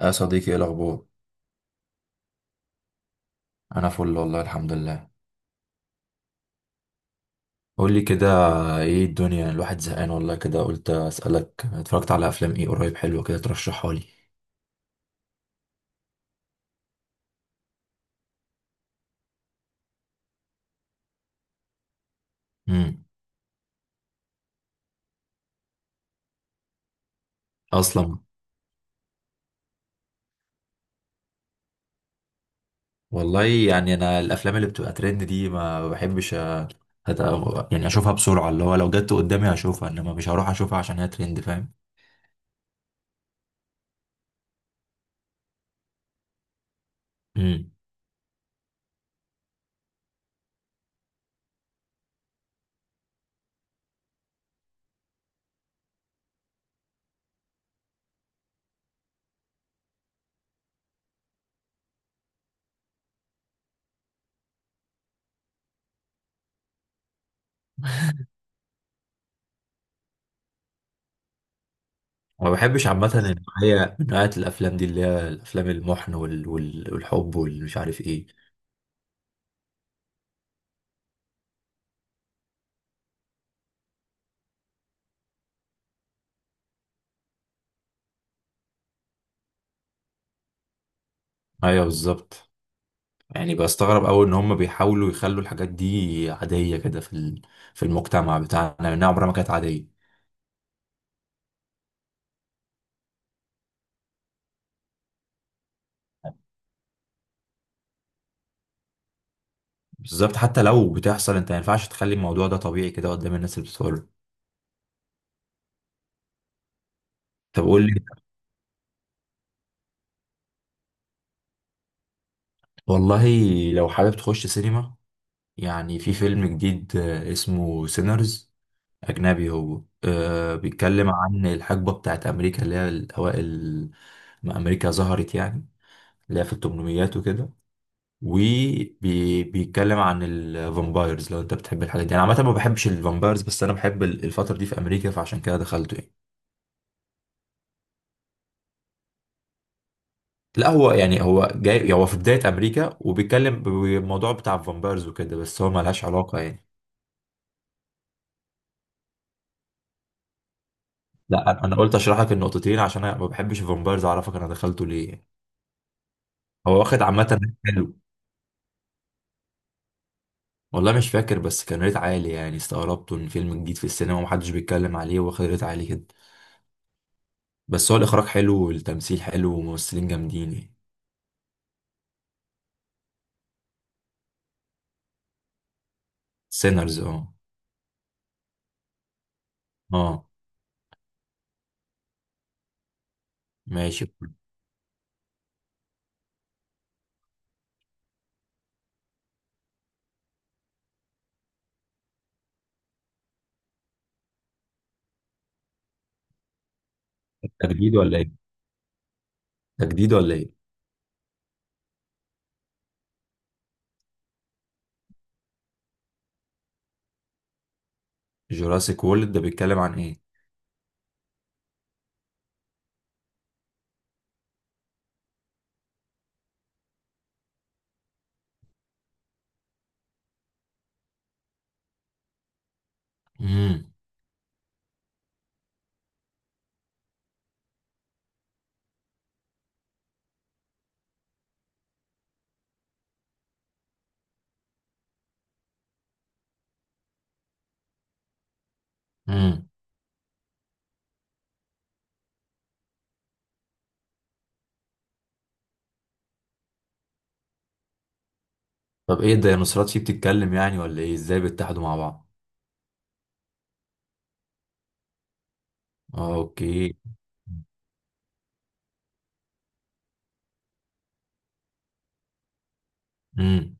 يا صديقي، ايه الاخبار؟ انا فل والله، الحمد لله. قول لي كده، ايه الدنيا؟ الواحد زهقان والله، كده قلت اسالك، اتفرجت على افلام ايه قريب حلوه كده ترشحها لي؟ امم اصلا. والله يعني انا الافلام اللي بتبقى ترند دي ما بحبش، يعني اشوفها بسرعه، اللي هو لو جت قدامي هشوفها، انما مش هروح اشوفها عشان هي ترند، فاهم؟ امم ما بحبش عامه النوعيه من نوعيه الافلام دي، اللي هي الافلام المحن والحب والمش عارف ايه. ايوه بالظبط، يعني بستغرب أوي إن هم بيحاولوا يخلوا الحاجات دي عادية كده في في المجتمع بتاعنا، لأنها عمرها ما كانت عادية. بالظبط، حتى لو بتحصل أنت ما ينفعش تخلي الموضوع ده طبيعي كده قدام الناس اللي بتتفرج. طب قول لي. والله، لو حابب تخش سينما، يعني في فيلم جديد اسمه سينرز. أجنبي هو، بيتكلم عن الحقبة بتاعت أمريكا اللي هي الأوائل، ما أمريكا ظهرت يعني، اللي هي في التمنميات وكده، وبيتكلم عن الفامبايرز. لو انت بتحب الحاجات دي، انا عامه ما بحبش الفامبايرز، بس انا بحب الفتره دي في امريكا، فعشان كده دخلته يعني. لا، هو يعني هو جاي، هو في بدايه امريكا وبيتكلم بالموضوع بتاع الفامبايرز وكده، بس هو ملهاش علاقه يعني. لا، أنا قلت اشرح لك النقطتين عشان انا ما بحبش الفامبايرز، اعرفك انا دخلته ليه يعني. هو واخد عامه ريت حلو. والله مش فاكر، بس كان ريت عالي يعني، استغربته ان فيلم جديد في السينما ومحدش بيتكلم عليه واخد ريت عالي كده. بس هو الاخراج حلو والتمثيل حلو وممثلين جامدين يعني. سينرز، اه. اه. ماشي. تجديد ولا ايه؟ تجديد ولا ايه؟ جوراسيك وورلد ده بيتكلم عن ايه؟ امم امم طب ايه الديناصورات فيه بتتكلم يعني، ولا ايه ازاي بيتحدوا مع بعض؟ آه، اوكي. امم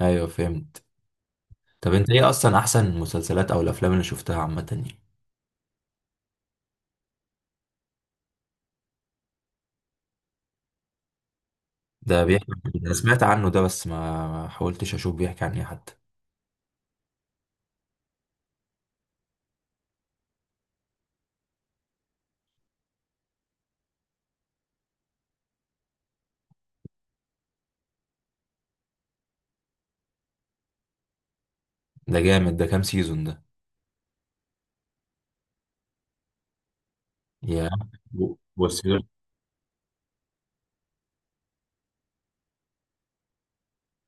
ايوه فهمت. طب انت ايه اصلا احسن المسلسلات او الافلام اللي شفتها عامه يعني؟ ده بيحكي عن إيه؟ انا سمعت عنه ده، بس ما حاولتش اشوف بيحكي عن ايه حتى. ده جامد، ده كام سيزون ده؟ يا، بص.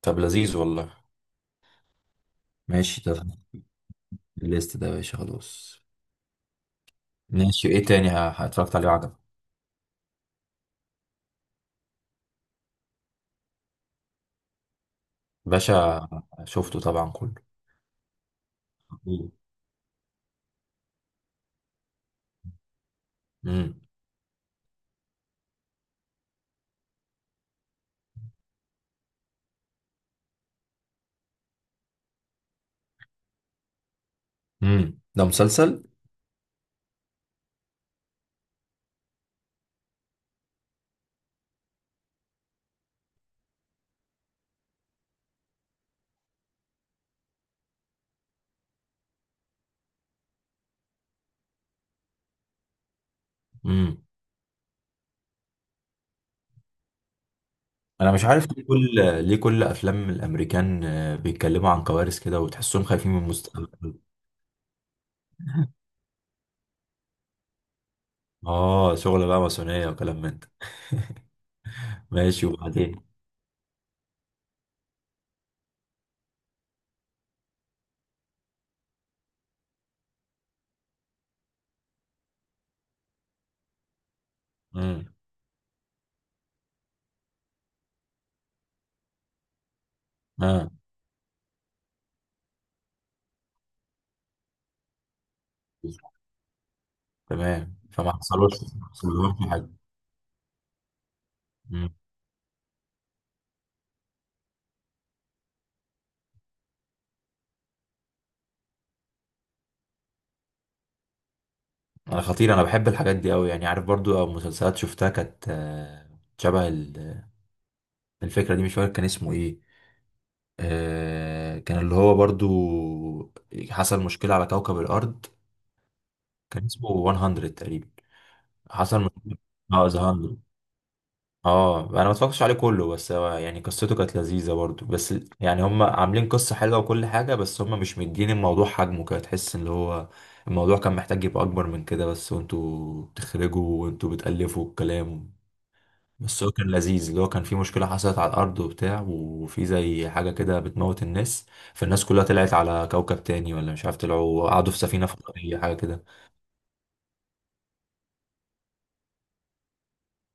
طب لذيذ والله. ماشي، ده في الليست ده يا باشا، خلاص. ماشي، ايه تاني اتفرجت عليه وعجبك؟ باشا. شفته طبعا كله. امم ده مسلسل. امم انا مش عارف ليه كل افلام الامريكان بيتكلموا عن كوارث كده، وتحسهم خايفين من المستقبل. اه، شغل بقى ماسونيه وكلام من ده. ماشي، وبعدين. امم اه تمام، فما حصلوش ما حصلوش حاجه. امم انا خطير، انا بحب الحاجات دي قوي يعني، عارف. برضو مسلسلات شفتها كانت شبه الفكره دي، مش فاكر كان اسمه ايه. كان اللي هو برضو حصل مشكلة على كوكب الأرض، كان اسمه 100 تقريبا. حصل مشكلة. اه، ذا 100. اه، أنا ما اتفرجتش عليه كله، بس هو يعني قصته كانت لذيذة برضو، بس يعني هم عاملين قصة حلوة وكل حاجة، بس هم مش مدين الموضوع حجمه كده، تحس اللي هو الموضوع كان محتاج يبقى أكبر من كده، بس وانتوا بتخرجوا وانتوا بتألفوا الكلام. بس هو كان لذيذ، اللي هو كان في مشكلة حصلت على الأرض وبتاع، وفي زي حاجة كده بتموت الناس، فالناس كلها طلعت على كوكب تاني، ولا مش عارف، طلعوا قعدوا في سفينة فضائية حاجة كده.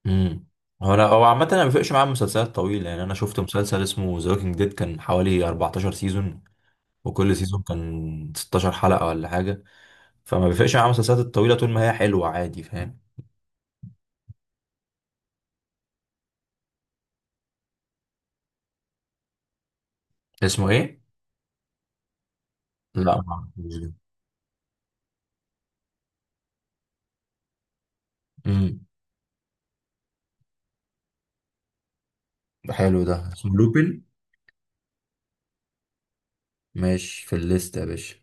امم هو أنا، هو عامة أنا ما بيفرقش معايا المسلسلات الطويلة يعني، أنا شفت مسلسل اسمه ذا ووكينج ديد، كان حوالي 14 سيزون، وكل سيزون كان 16 حلقة ولا حاجة، فما بيفرقش معايا المسلسلات الطويلة طول ما هي حلوة، عادي فاهم. اسمه إيه؟ لا ما اعرفوش ده. امم حلو ده، اسمه لوبين. ماشي، في الليست يا باشا.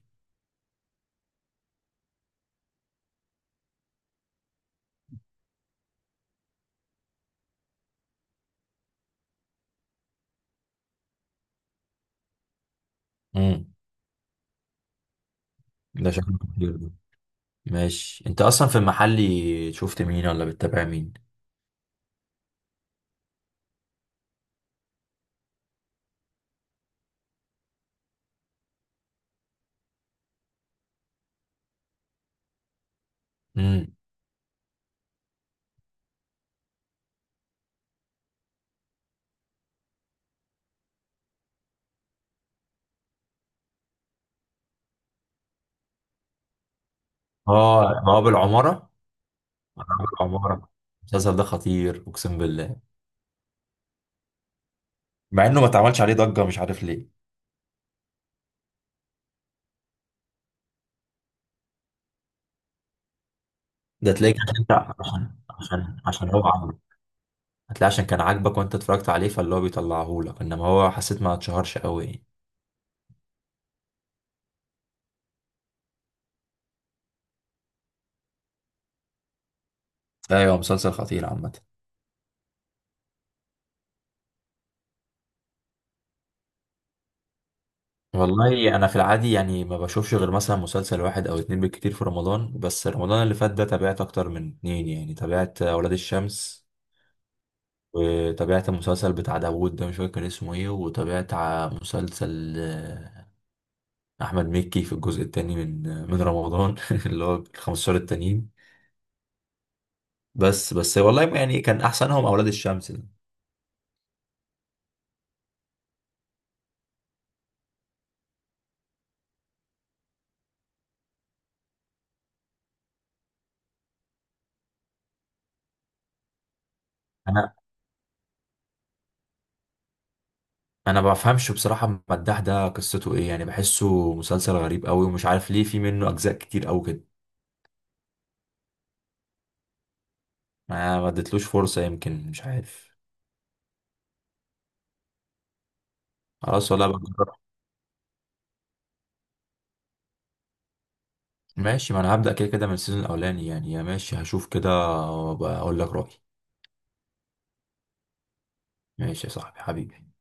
امم ده شكله كتير ده. ماشي، انت اصلا في المحلي شفت مين ولا بتتابع مين؟ امم اه، ما هو بالعماره. ما هو بالعماره، المسلسل ده خطير، اقسم بالله، مع انه ما اتعملش عليه ضجه، مش عارف ليه. ده تلاقيك عشان انت، عشان هو عاجبك، هتلاقي عشان كان عاجبك وانت اتفرجت عليه، فاللي هو بيطلعهولك، انما هو حسيت ما اتشهرش قوي يعني. ايوه، مسلسل خطير عامه. والله انا في العادي يعني ما بشوفش غير مثلا مسلسل واحد او اتنين بالكتير في رمضان، بس رمضان اللي فات ده تابعت اكتر من اتنين يعني، تابعت اولاد الشمس، وتابعت المسلسل بتاع داوود ده، مش فاكر كان اسمه ايه، وتابعت مسلسل احمد مكي في الجزء التاني من من رمضان اللي هو ال 15 التانيين. بس والله يعني كان احسنهم اولاد الشمس ده. انا انا ما بفهمش بصراحة، المداح ده قصته ايه يعني؟ بحسه مسلسل غريب قوي، ومش عارف ليه في منه اجزاء كتير قوي كده. ما اديتلوش فرصة، يمكن مش عارف. خلاص، ولا بجرب. ماشي، ما انا هبدأ كده كده من السيزون الاولاني يعني، يا ماشي هشوف كده، وبقول لك رأيي. ماشي يا صاحبي حبيبي.